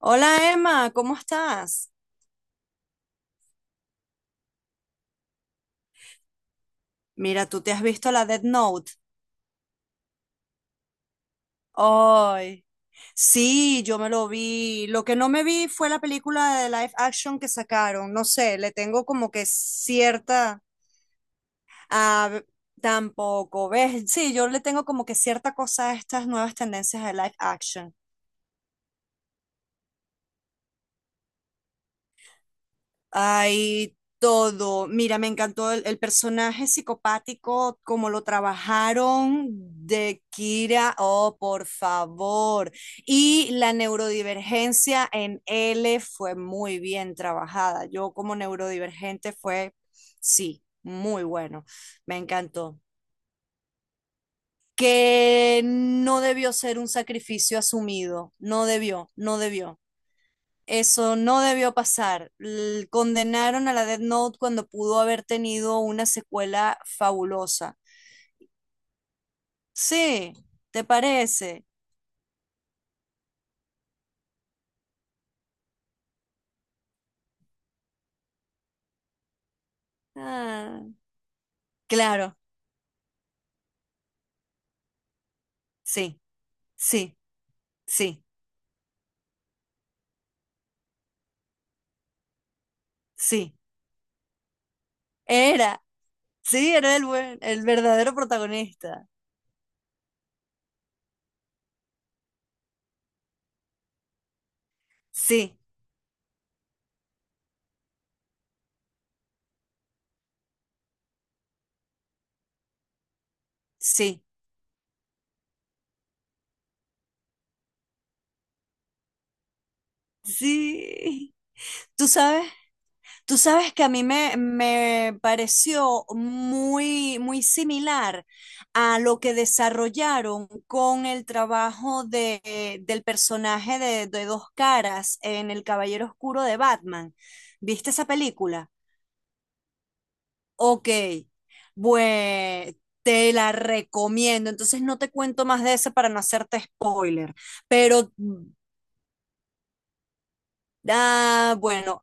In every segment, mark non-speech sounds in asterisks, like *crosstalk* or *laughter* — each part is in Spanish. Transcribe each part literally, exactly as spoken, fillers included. Hola Emma, ¿cómo estás? Mira, tú te has visto la Death Note. Ay, sí, yo me lo vi. Lo que no me vi fue la película de live action que sacaron. No sé, le tengo como que cierta... Ah, tampoco, ¿ves? Sí, yo le tengo como que cierta cosa a estas nuevas tendencias de live action. Hay todo. Mira, me encantó el, el personaje psicopático, como lo trabajaron de Kira. Oh, por favor. Y la neurodivergencia en L fue muy bien trabajada. Yo como neurodivergente fue, sí, muy bueno. Me encantó. Que no debió ser un sacrificio asumido. No debió, no debió. Eso no debió pasar. L- Condenaron a la Death Note cuando pudo haber tenido una secuela fabulosa. Sí, ¿te parece? Ah, claro, sí, sí, sí, sí. Era, sí, era el buen, el verdadero protagonista. Sí, sí, sí. ¿Tú sabes? Tú sabes que a mí me, me pareció muy, muy similar a lo que desarrollaron con el trabajo de, del personaje de, de Dos Caras en El Caballero Oscuro de Batman. ¿Viste esa película? Ok, pues te la recomiendo. Entonces no te cuento más de esa para no hacerte spoiler, pero... mm, Ah, bueno,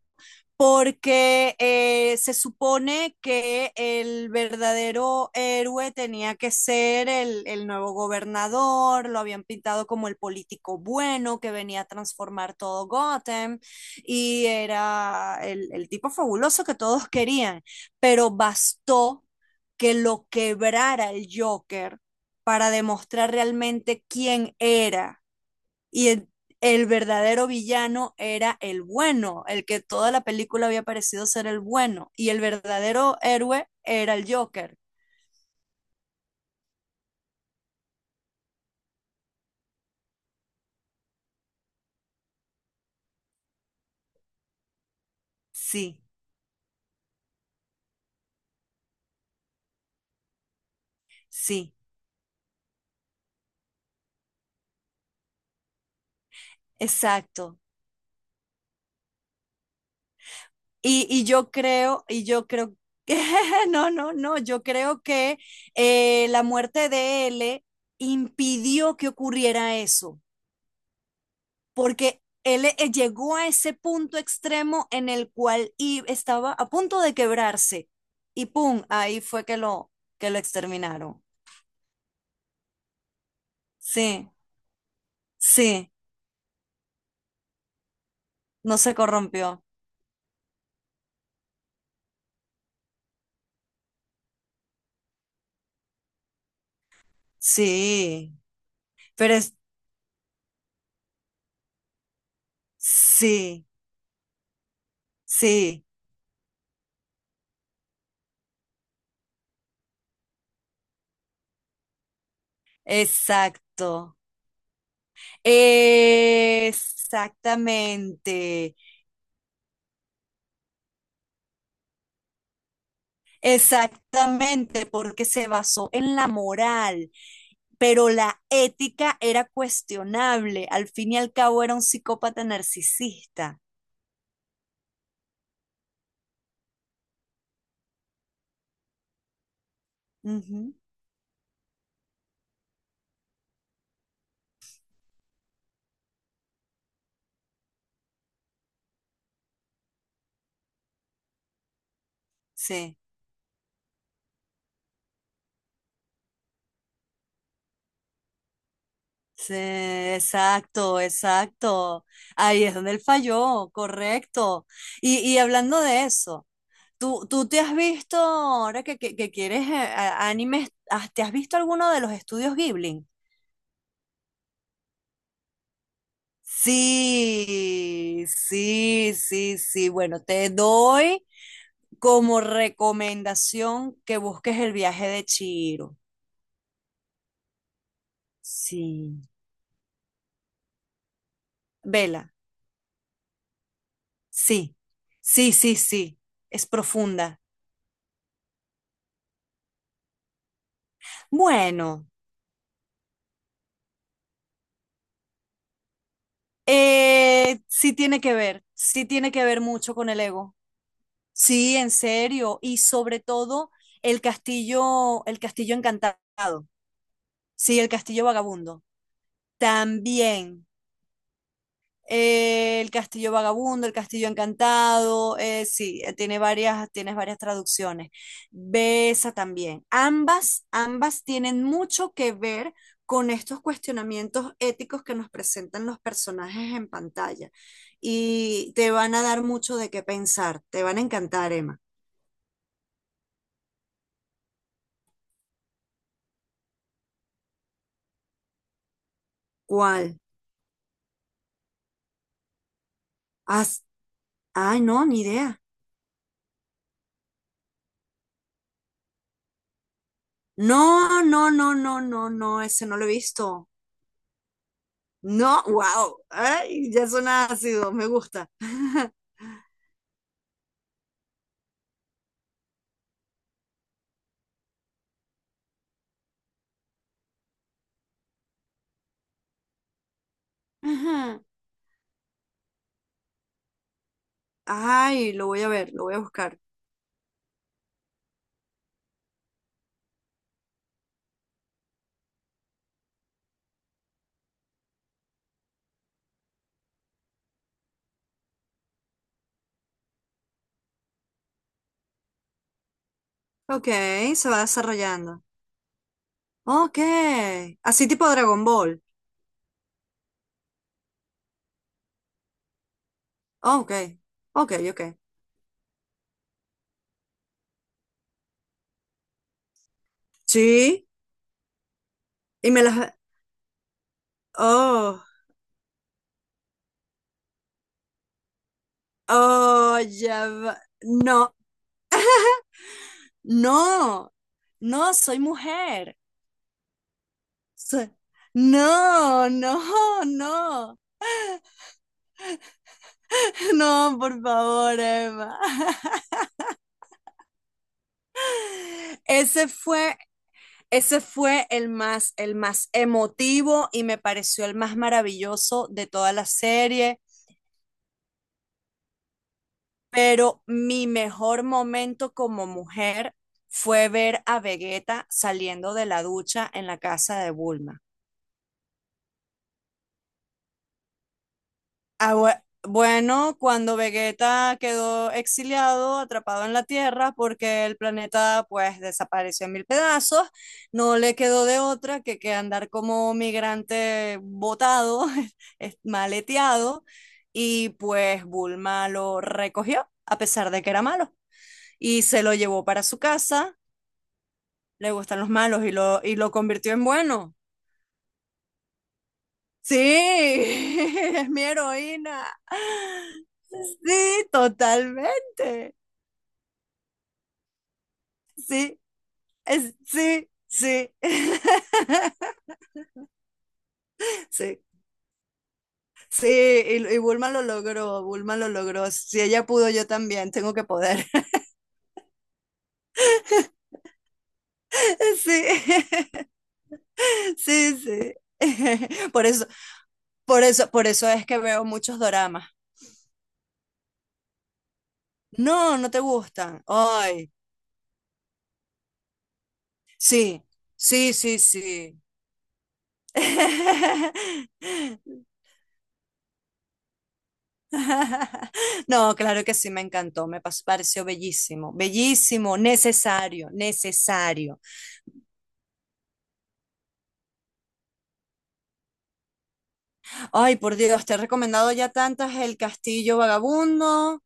porque eh, se supone que el verdadero héroe tenía que ser el, el nuevo gobernador, lo habían pintado como el político bueno que venía a transformar todo Gotham y era el, el tipo fabuloso que todos querían, pero bastó que lo quebrara el Joker para demostrar realmente quién era y el, el verdadero villano era el bueno, el que toda la película había parecido ser el bueno, y el verdadero héroe era el Joker. Sí, sí, exacto. Y, y yo creo, y yo creo que, *laughs* no, no, no, yo creo que eh, la muerte de L impidió que ocurriera eso. Porque él eh, llegó a ese punto extremo en el cual y estaba a punto de quebrarse y pum, ahí fue que lo, que lo exterminaron. Sí, sí, no se corrompió. Sí, pero es, sí, sí, exacto. Exactamente. Exactamente, porque se basó en la moral, pero la ética era cuestionable. Al fin y al cabo era un psicópata narcisista. Ujú, sí, sí, exacto, exacto. Ahí es donde él falló, correcto. Y, y hablando de eso, ¿tú, tú te has visto, ahora que, que- que quieres eh, a- animes, ah, ¿te has visto alguno de los estudios Ghibli? Sí, sí, sí, sí. Bueno, te doy como recomendación que busques el viaje de Chihiro. Sí. Vela, sí, sí, sí, sí. Es profunda. Bueno, eh, sí tiene que ver, sí tiene que ver mucho con el ego. Sí, en serio. Y sobre todo el castillo, el castillo encantado. Sí, el castillo vagabundo. También. eh, El Castillo Vagabundo, El Castillo Encantado, eh, sí, eh, tiene varias, tienes varias traducciones. Ve esa también. Ambas, ambas tienen mucho que ver con estos cuestionamientos éticos que nos presentan los personajes en pantalla y te van a dar mucho de qué pensar. Te van a encantar, Emma. ¿Cuál? Haz- Ay, no, ni idea. No, no, no, no, no, no, ese no lo he visto. No, wow. Ay, ya suena ácido, me gusta. *laughs* Ajá. Ay, lo voy a ver, lo voy a buscar. Ok, se va desarrollando. Ok, así tipo Dragon Ball. Ok, ok, ok. Sí, y me las... Oh, oh, ya va. No, no, no, soy mujer. So- No, no, no. *laughs* No, por favor, Emma. *laughs* Ese fue Ese fue el más, el más emotivo y me pareció el más maravilloso de toda la serie, pero mi mejor momento como mujer fue ver a Vegeta saliendo de la ducha en la casa de Bulma. Ah, bue- bueno, cuando Vegeta quedó exiliado, atrapado en la Tierra, porque el planeta pues desapareció en mil pedazos, no le quedó de otra que, que andar como migrante botado, *laughs* es- maleteado, y pues Bulma lo recogió, a pesar de que era malo, y se lo llevó para su casa, le gustan los malos, y lo, y lo convirtió en bueno. Sí, *laughs* es mi heroína. Sí, totalmente. Sí, es, sí, sí, *laughs* sí, sí. Y, y Bulma lo logró, Bulma lo logró. Si ella pudo, yo también tengo que poder. *laughs* Sí, *laughs* sí, sí. *laughs* Por eso, por eso, por eso es que veo muchos doramas. No, no te gustan. Ay, sí, sí, sí, sí. *laughs* *laughs* No, claro que sí, me encantó, me pas- pareció bellísimo, bellísimo, necesario, necesario. Ay, por Dios, te he recomendado ya tantas, El Castillo Vagabundo,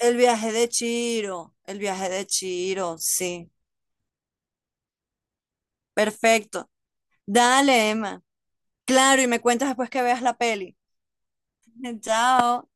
El viaje de Chiro, El viaje de Chiro, sí, perfecto. Dale, Emma. Claro, y me cuentas después que veas la peli. *laughs* Chao.